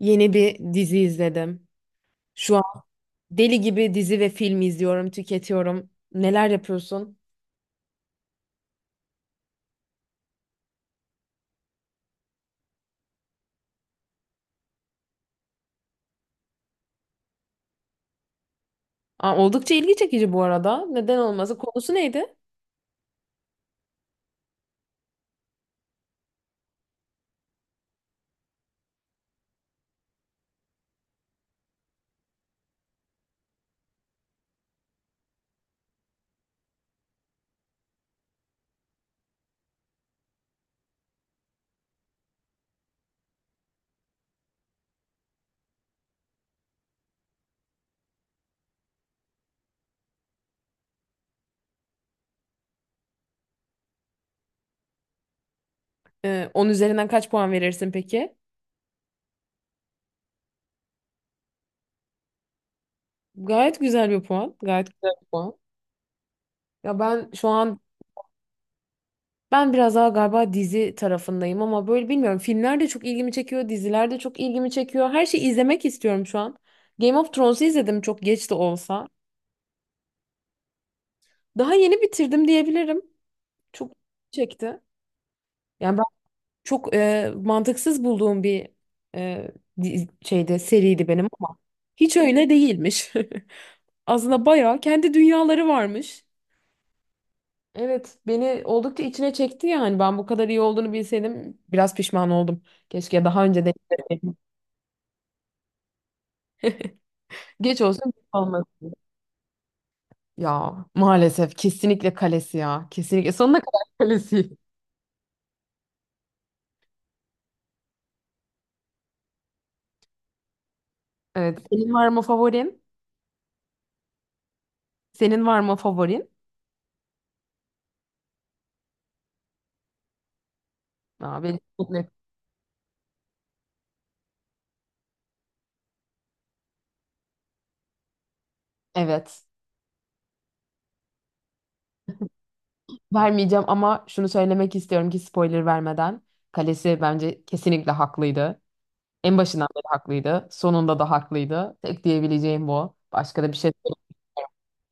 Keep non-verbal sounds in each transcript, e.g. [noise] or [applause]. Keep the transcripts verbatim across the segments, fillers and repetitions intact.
Yeni bir dizi izledim. Şu an deli gibi dizi ve film izliyorum, tüketiyorum. Neler yapıyorsun? Aa, oldukça ilgi çekici bu arada. Neden olması? Konusu neydi? Ee, on üzerinden kaç puan verirsin peki? Gayet güzel bir puan. Gayet güzel bir puan. Ya ben şu an ben biraz daha galiba dizi tarafındayım ama böyle bilmiyorum. Filmler de çok ilgimi çekiyor, diziler de çok ilgimi çekiyor. Her şeyi izlemek istiyorum şu an. Game of Thrones'u izledim çok geç de olsa. Daha yeni bitirdim diyebilirim. Çok çekti. Yani çok e, mantıksız bulduğum bir e, di- şeyde seriydi benim ama hiç öyle değilmiş. [laughs] Aslında bayağı kendi dünyaları varmış. Evet, beni oldukça içine çekti yani. Ben bu kadar iyi olduğunu bilseydim biraz pişman oldum. Keşke daha önce de geç olsun geç olmasın. Ya maalesef kesinlikle kalesi ya. Kesinlikle sonuna kadar [laughs] kalesi. Evet. Senin var mı favorin? Senin var mı favorin? Aa, benim çok net. Evet. Vermeyeceğim ama şunu söylemek istiyorum ki spoiler vermeden. Kalesi bence kesinlikle haklıydı. En başından beri haklıydı. Sonunda da haklıydı. Tek diyebileceğim bu. Başka da bir şey söyle-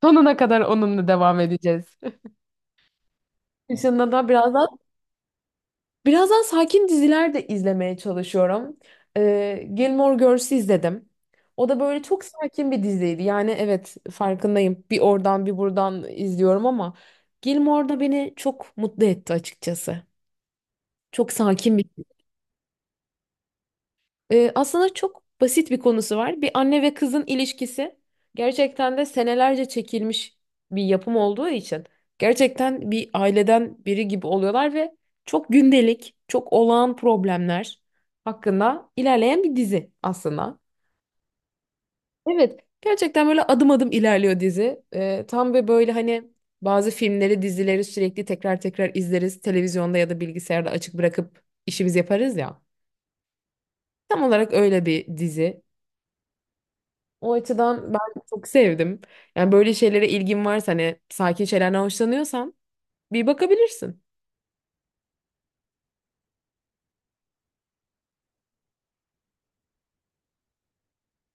Sonuna kadar onunla devam edeceğiz. [laughs] Dışında da birazdan birazdan sakin diziler de izlemeye çalışıyorum. Ee, Gilmore Girls'ü izledim. O da böyle çok sakin bir diziydi. Yani evet farkındayım. Bir oradan bir buradan izliyorum ama Gilmore da beni çok mutlu etti açıkçası. Çok sakin bir. Ee, aslında çok basit bir konusu var. Bir anne ve kızın ilişkisi gerçekten de senelerce çekilmiş bir yapım olduğu için gerçekten bir aileden biri gibi oluyorlar ve çok gündelik, çok olağan problemler hakkında ilerleyen bir dizi aslında. Evet, gerçekten böyle adım adım ilerliyor dizi. Ee, tam ve böyle hani bazı filmleri, dizileri sürekli tekrar tekrar izleriz. Televizyonda ya da bilgisayarda açık bırakıp işimizi yaparız ya. Tam olarak öyle bir dizi. O açıdan ben çok sevdim. Yani böyle şeylere ilgin varsa hani sakin şeylerden hoşlanıyorsan bir bakabilirsin.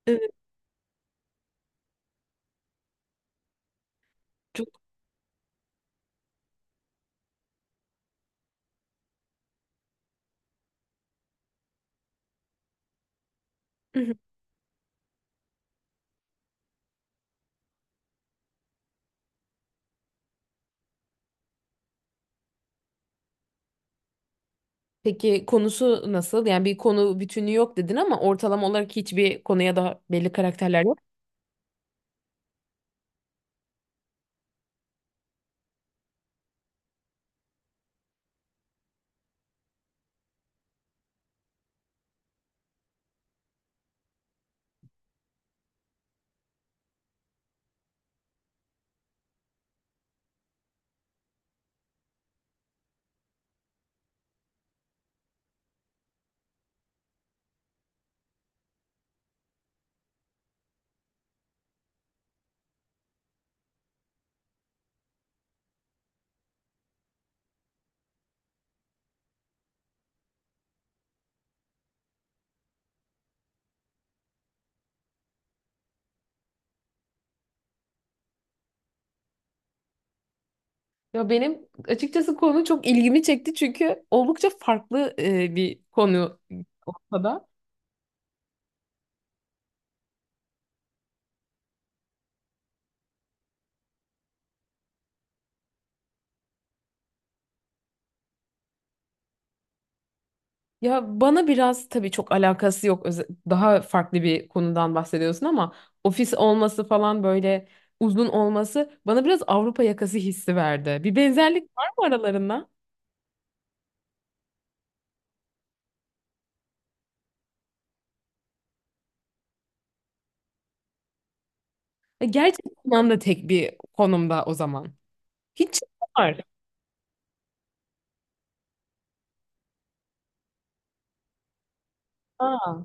Evet, çok. Hı hı. Peki konusu nasıl? Yani bir konu bütünü yok dedin ama ortalama olarak hiçbir konuya da belli karakterler yok. Ya benim açıkçası konu çok ilgimi çekti çünkü oldukça farklı e, bir konu ortada. Ya bana biraz tabii çok alakası yok. Öze- Daha farklı bir konudan bahsediyorsun ama ofis olması falan böyle uzun olması bana biraz Avrupa yakası hissi verdi. Bir benzerlik var mı aralarında? E, Gerçi Yunan da tek bir konumda o zaman. Hiç şey var. Aa.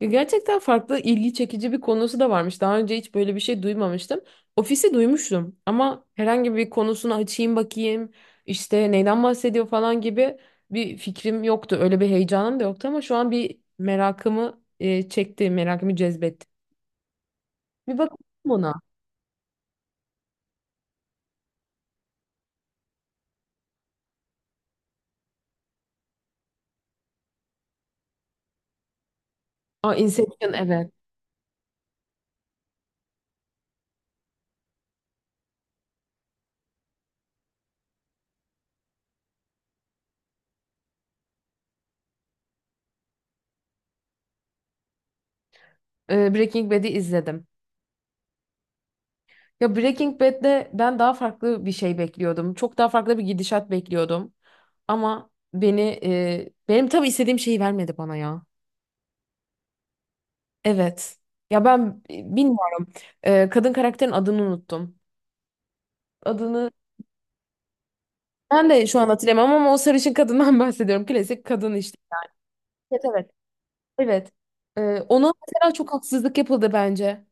Ya gerçekten farklı ilgi çekici bir konusu da varmış. Daha önce hiç böyle bir şey duymamıştım. Ofisi duymuştum ama herhangi bir konusunu açayım bakayım, işte neyden bahsediyor falan gibi bir fikrim yoktu. Öyle bir heyecanım da yoktu ama şu an bir merakımı e, çekti, merakımı cezbetti. Bir bakayım buna. Aa, Inception evet. Ee, Breaking Bad'i izledim. Ya Breaking Bad'de ben daha farklı bir şey bekliyordum. Çok daha farklı bir gidişat bekliyordum. Ama beni e, benim tabii istediğim şeyi vermedi bana ya. Evet. Ya ben e, bilmiyorum. Ee, kadın karakterin adını unuttum. Adını ben de şu an hatırlamam ama o sarışın kadından [laughs] bahsediyorum. Klasik kadın işte. Evet evet. Evet. Ee, ona mesela çok haksızlık yapıldı bence.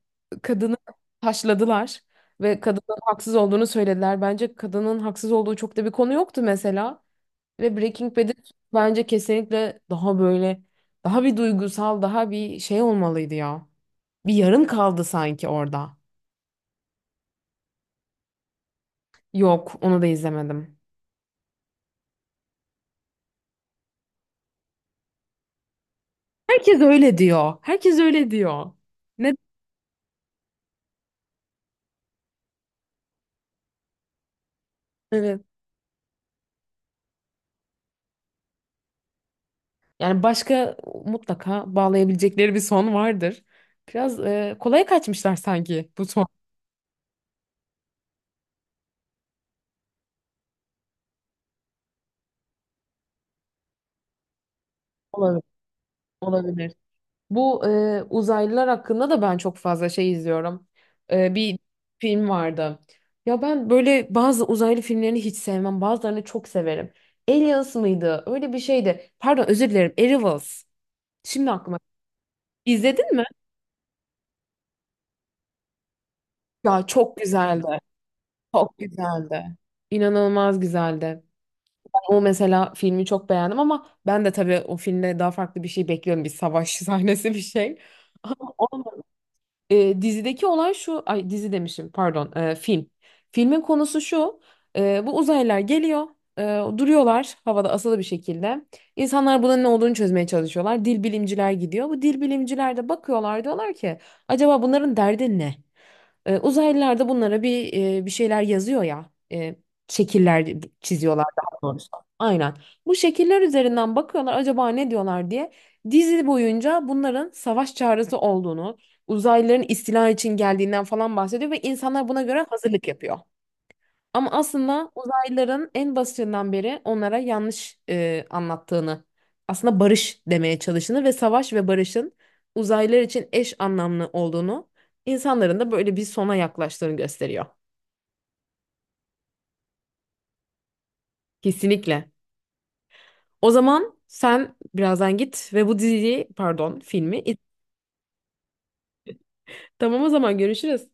Kadını taşladılar ve kadının haksız olduğunu söylediler. Bence kadının haksız olduğu çok da bir konu yoktu mesela. Ve Breaking Bad bence kesinlikle daha böyle daha bir duygusal, daha bir şey olmalıydı ya. Bir yarım kaldı sanki orada. Yok, onu da izlemedim. Herkes öyle diyor. Herkes öyle diyor. Ne? Evet. Yani başka mutlaka bağlayabilecekleri bir son vardır. Biraz e, kolaya kaçmışlar sanki bu son. Olabilir. Olabilir. Bu e, uzaylılar hakkında da ben çok fazla şey izliyorum. E, bir film vardı. Ya ben böyle bazı uzaylı filmlerini hiç sevmem. Bazılarını çok severim. Aliens mıydı? Öyle bir şeydi. Pardon özür dilerim. Arrivals. Şimdi aklıma. İzledin mi? Ya çok güzeldi. Çok güzeldi. İnanılmaz güzeldi. Ben o mesela filmi çok beğendim ama ben de tabii o filmde daha farklı bir şey bekliyorum. Bir savaş [laughs] sahnesi bir şey. Ama o e, dizideki olay şu, ay dizi demişim pardon, e, film. Filmin konusu şu, e, bu uzaylılar geliyor, e, duruyorlar havada asılı bir şekilde. İnsanlar bunun ne olduğunu çözmeye çalışıyorlar. Dil bilimciler gidiyor. Bu dil bilimciler de bakıyorlar diyorlar ki acaba bunların derdi ne? E, uzaylılar da bunlara bir e, bir şeyler yazıyor ya, e, şekiller çiziyorlar daha doğrusu. Aynen. Bu şekiller üzerinden bakıyorlar acaba ne diyorlar diye. Dizi boyunca bunların savaş çağrısı olduğunu, uzaylıların istila için geldiğinden falan bahsediyor ve insanlar buna göre hazırlık yapıyor. Ama aslında uzaylıların en basitinden beri onlara yanlış e, anlattığını, aslında barış demeye çalıştığını ve savaş ve barışın uzaylılar için eş anlamlı olduğunu, insanların da böyle bir sona yaklaştığını gösteriyor. Kesinlikle. O zaman sen birazdan git ve bu diziyi, pardon, filmi. İz- Tamam o zaman görüşürüz.